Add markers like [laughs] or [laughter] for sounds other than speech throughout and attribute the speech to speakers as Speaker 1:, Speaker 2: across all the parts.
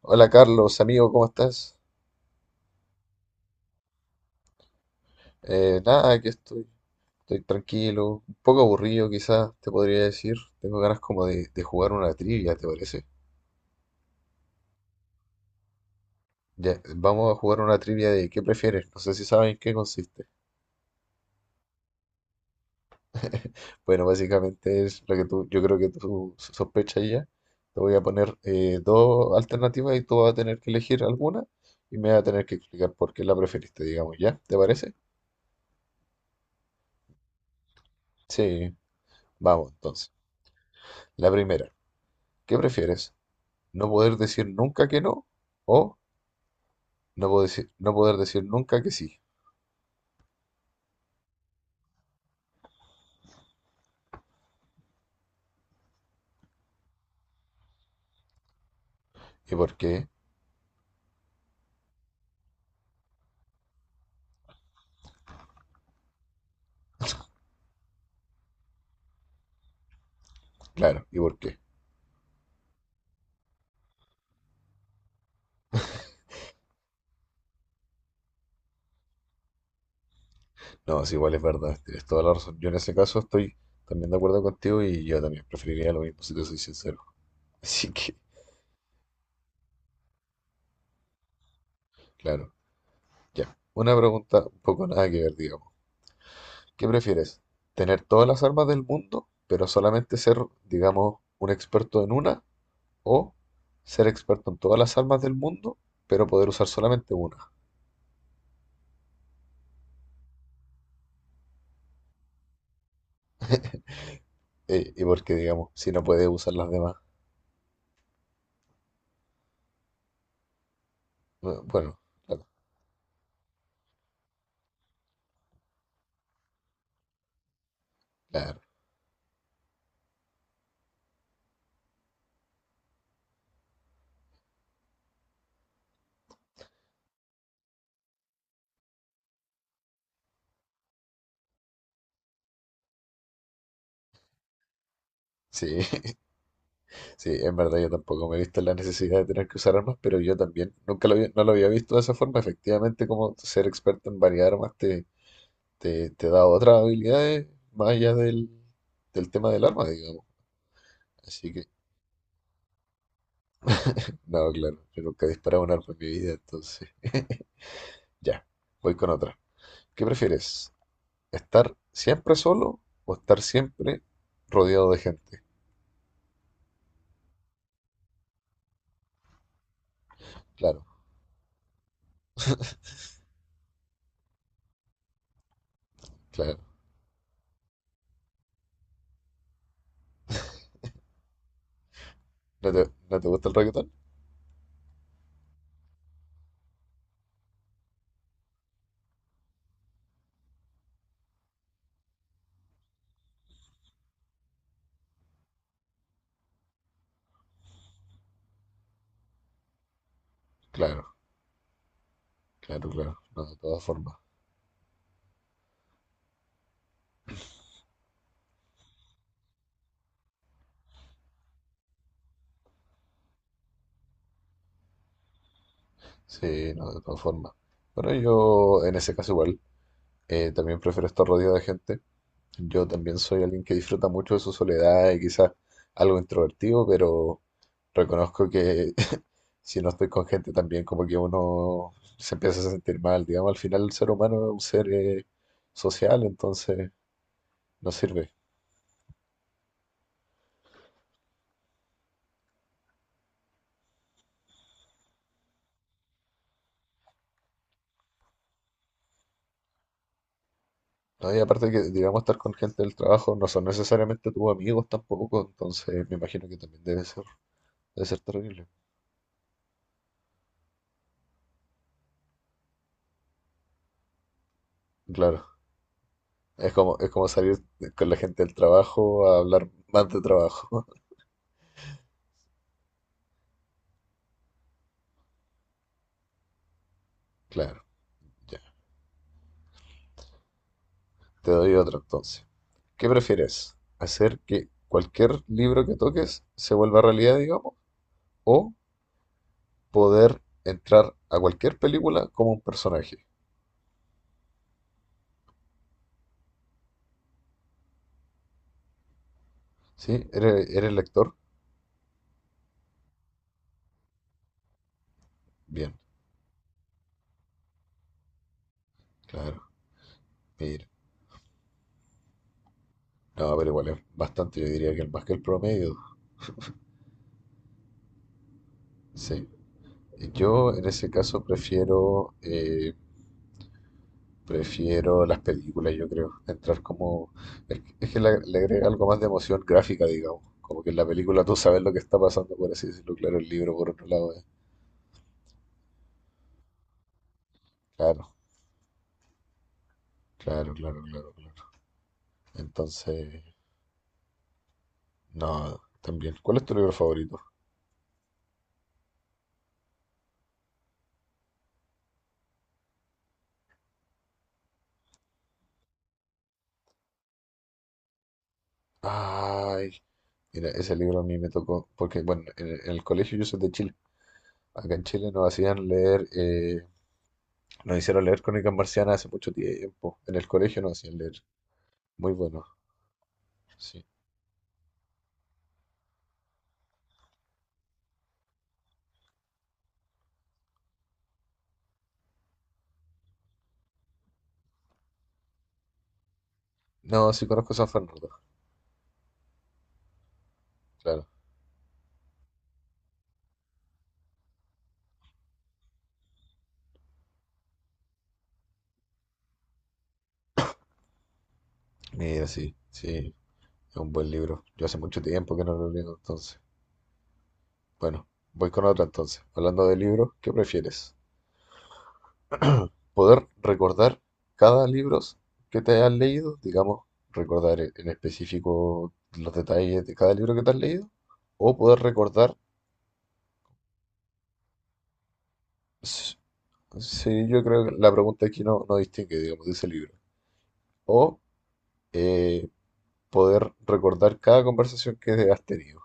Speaker 1: Hola Carlos, amigo, ¿cómo estás? Nada, aquí estoy tranquilo, un poco aburrido quizás, te podría decir. Tengo ganas como de jugar una trivia, ¿te parece? Ya, vamos a jugar una trivia de qué prefieres, no sé si saben en qué consiste. Bueno, básicamente es lo que tú, yo creo que tú sospechas ya. Te voy a poner dos alternativas y tú vas a tener que elegir alguna y me vas a tener que explicar por qué la preferiste, digamos, ¿ya? ¿Te parece? Sí, vamos entonces. La primera, ¿qué prefieres? No poder decir nunca que no, o no poder decir, nunca que sí. ¿Y por qué? Claro, ¿y por qué? No, sí, igual es verdad, tienes toda la razón. Yo en ese caso estoy también de acuerdo contigo y yo también preferiría lo mismo si te soy sincero. [laughs] Así que, claro, ya. Una pregunta un poco nada que ver, digamos. ¿Qué prefieres? ¿Tener todas las armas del mundo, pero solamente ser, digamos, un experto en una? ¿O ser experto en todas las armas del mundo, pero poder usar solamente una? [laughs] Y porque, digamos, si no puede usar las demás. No, bueno, claro, claro. Sí, [laughs] sí, en verdad yo tampoco me he visto en la necesidad de tener que usar armas, pero yo también nunca no lo había visto de esa forma. Efectivamente, como ser experto en varias armas te, te da otras habilidades más allá del tema del arma, digamos. Así que, no, claro, yo nunca he disparado un arma en mi vida, entonces. [laughs] Ya, voy con otra. ¿Qué prefieres? ¿Estar siempre solo o estar siempre rodeado de gente? Claro, claro. No te gusta el reggaetón? Claro, claro, claro. No, de todas formas. Sí, no, de todas formas. Bueno, yo en ese caso igual, también prefiero estar rodeado de gente. Yo también soy alguien que disfruta mucho de su soledad y quizás algo introvertido, pero reconozco que [laughs] si no estoy con gente también como que uno se empieza a sentir mal. Digamos, al final el ser humano es un ser social, entonces no sirve. No, y aparte que, digamos, estar con gente del trabajo no son necesariamente tus amigos tampoco, entonces me imagino que también debe ser terrible. Claro, es como salir con la gente del trabajo a hablar más de trabajo. [laughs] Claro, ya, te doy otro entonces. ¿Qué prefieres? ¿Hacer que cualquier libro que toques se vuelva realidad, digamos? ¿O poder entrar a cualquier película como un personaje? ¿Sí? ¿Eres, eres lector? Bien, claro, mira. No, pero igual es bastante, yo diría que más que el promedio. Sí. Yo en ese caso prefiero, prefiero las películas, yo creo. Entrar como... es que le agrega algo más de emoción gráfica, digamos. Como que en la película tú sabes lo que está pasando, por así decirlo. Claro, el libro por otro lado, claro, claro, claro, claro, claro. Entonces, no, también. ¿Cuál es tu libro favorito? Ay, mira, ese libro a mí me tocó, porque bueno, en el colegio yo soy de Chile. Acá en Chile nos hacían leer nos hicieron leer Crónicas Marcianas hace mucho tiempo. En el colegio nos hacían leer. Muy bueno, sí. No, sí conozco San Fernando, claro. Mira, sí, sí, es un buen libro. Yo hace mucho tiempo que no lo leo, entonces. Bueno, voy con otra entonces. Hablando de libros, ¿qué prefieres? ¿Poder recordar cada libro que te hayas leído? Digamos, recordar en específico los detalles de cada libro que te has leído. ¿O poder recordar... s-? Sí, yo creo que la pregunta aquí no, no distingue, digamos, de ese libro. O eh, poder recordar cada conversación que has tenido.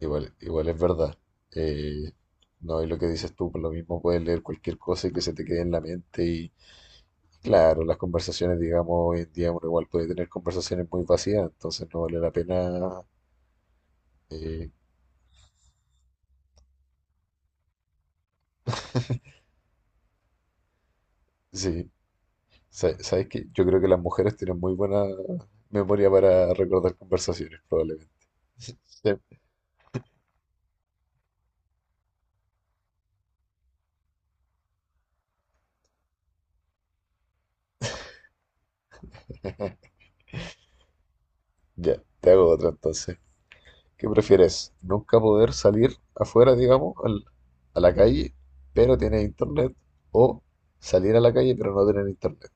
Speaker 1: Igual, igual es verdad. Eh, no, y lo que dices tú, por lo mismo puedes leer cualquier cosa y que se te quede en la mente. Y claro, las conversaciones, digamos, hoy en día uno igual puede tener conversaciones muy vacías, entonces no vale la pena. eh, sí, sabes que yo creo que las mujeres tienen muy buena memoria para recordar conversaciones, probablemente. [laughs] Sí. Ya, te hago otra entonces. ¿Qué prefieres? ¿Nunca poder salir afuera, digamos, a la calle, pero tener internet? ¿O salir a la calle, pero no tener internet?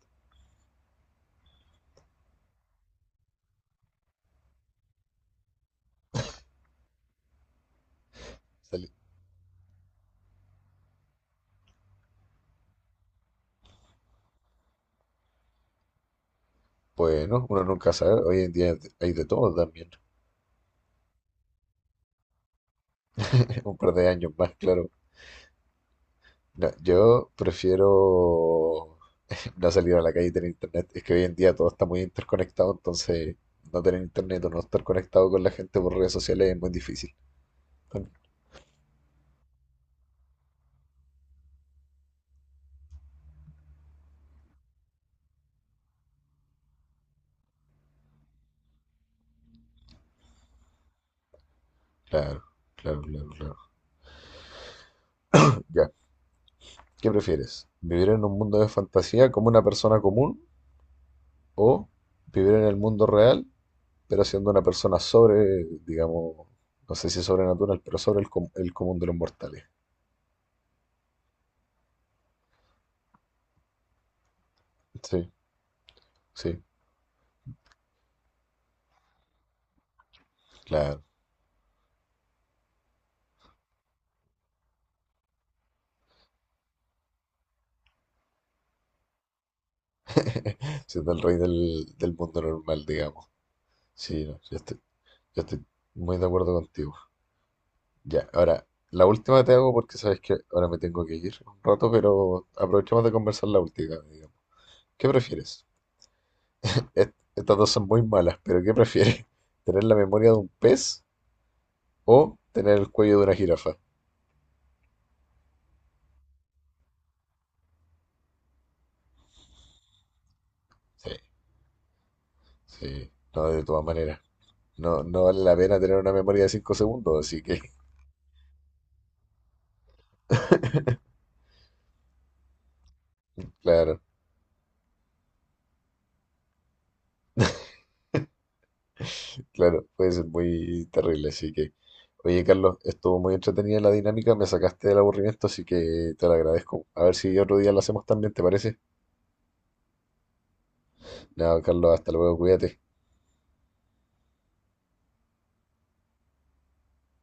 Speaker 1: Sali- Bueno, uno nunca sabe. Hoy en día hay de todo también. [laughs] Un par de años más, claro. No, yo prefiero no salir a la calle y tener internet. Es que hoy en día todo está muy interconectado, entonces no tener internet o no estar conectado con la gente por redes sociales es muy difícil. Claro, claro, claro, claro. Ya. ¿Qué prefieres? ¿Vivir en un mundo de fantasía como una persona común o vivir en el mundo real, pero siendo una persona sobre, digamos, no sé si sobrenatural, pero sobre el, el común de los mortales? Sí, sí, claro. [laughs] Siendo el rey del, del mundo normal, digamos. Sí, no, yo estoy muy de acuerdo contigo. Ya, ahora, la última te hago porque sabes que ahora me tengo que ir un rato, pero aprovechemos de conversar la última, digamos. ¿Qué prefieres? Estas dos son muy malas, pero ¿qué prefieres? [laughs] ¿Tener la memoria de un pez o tener el cuello de una jirafa? Sí, sí, no, de todas maneras. No, no vale la pena tener una memoria de 5 segundos, así que, [laughs] claro, claro, puede ser muy terrible, así que. Oye, Carlos, estuvo muy entretenida la dinámica, me sacaste del aburrimiento, así que te lo agradezco. A ver si otro día lo hacemos también, ¿te parece? Nada, Carlos, hasta luego, cuídate.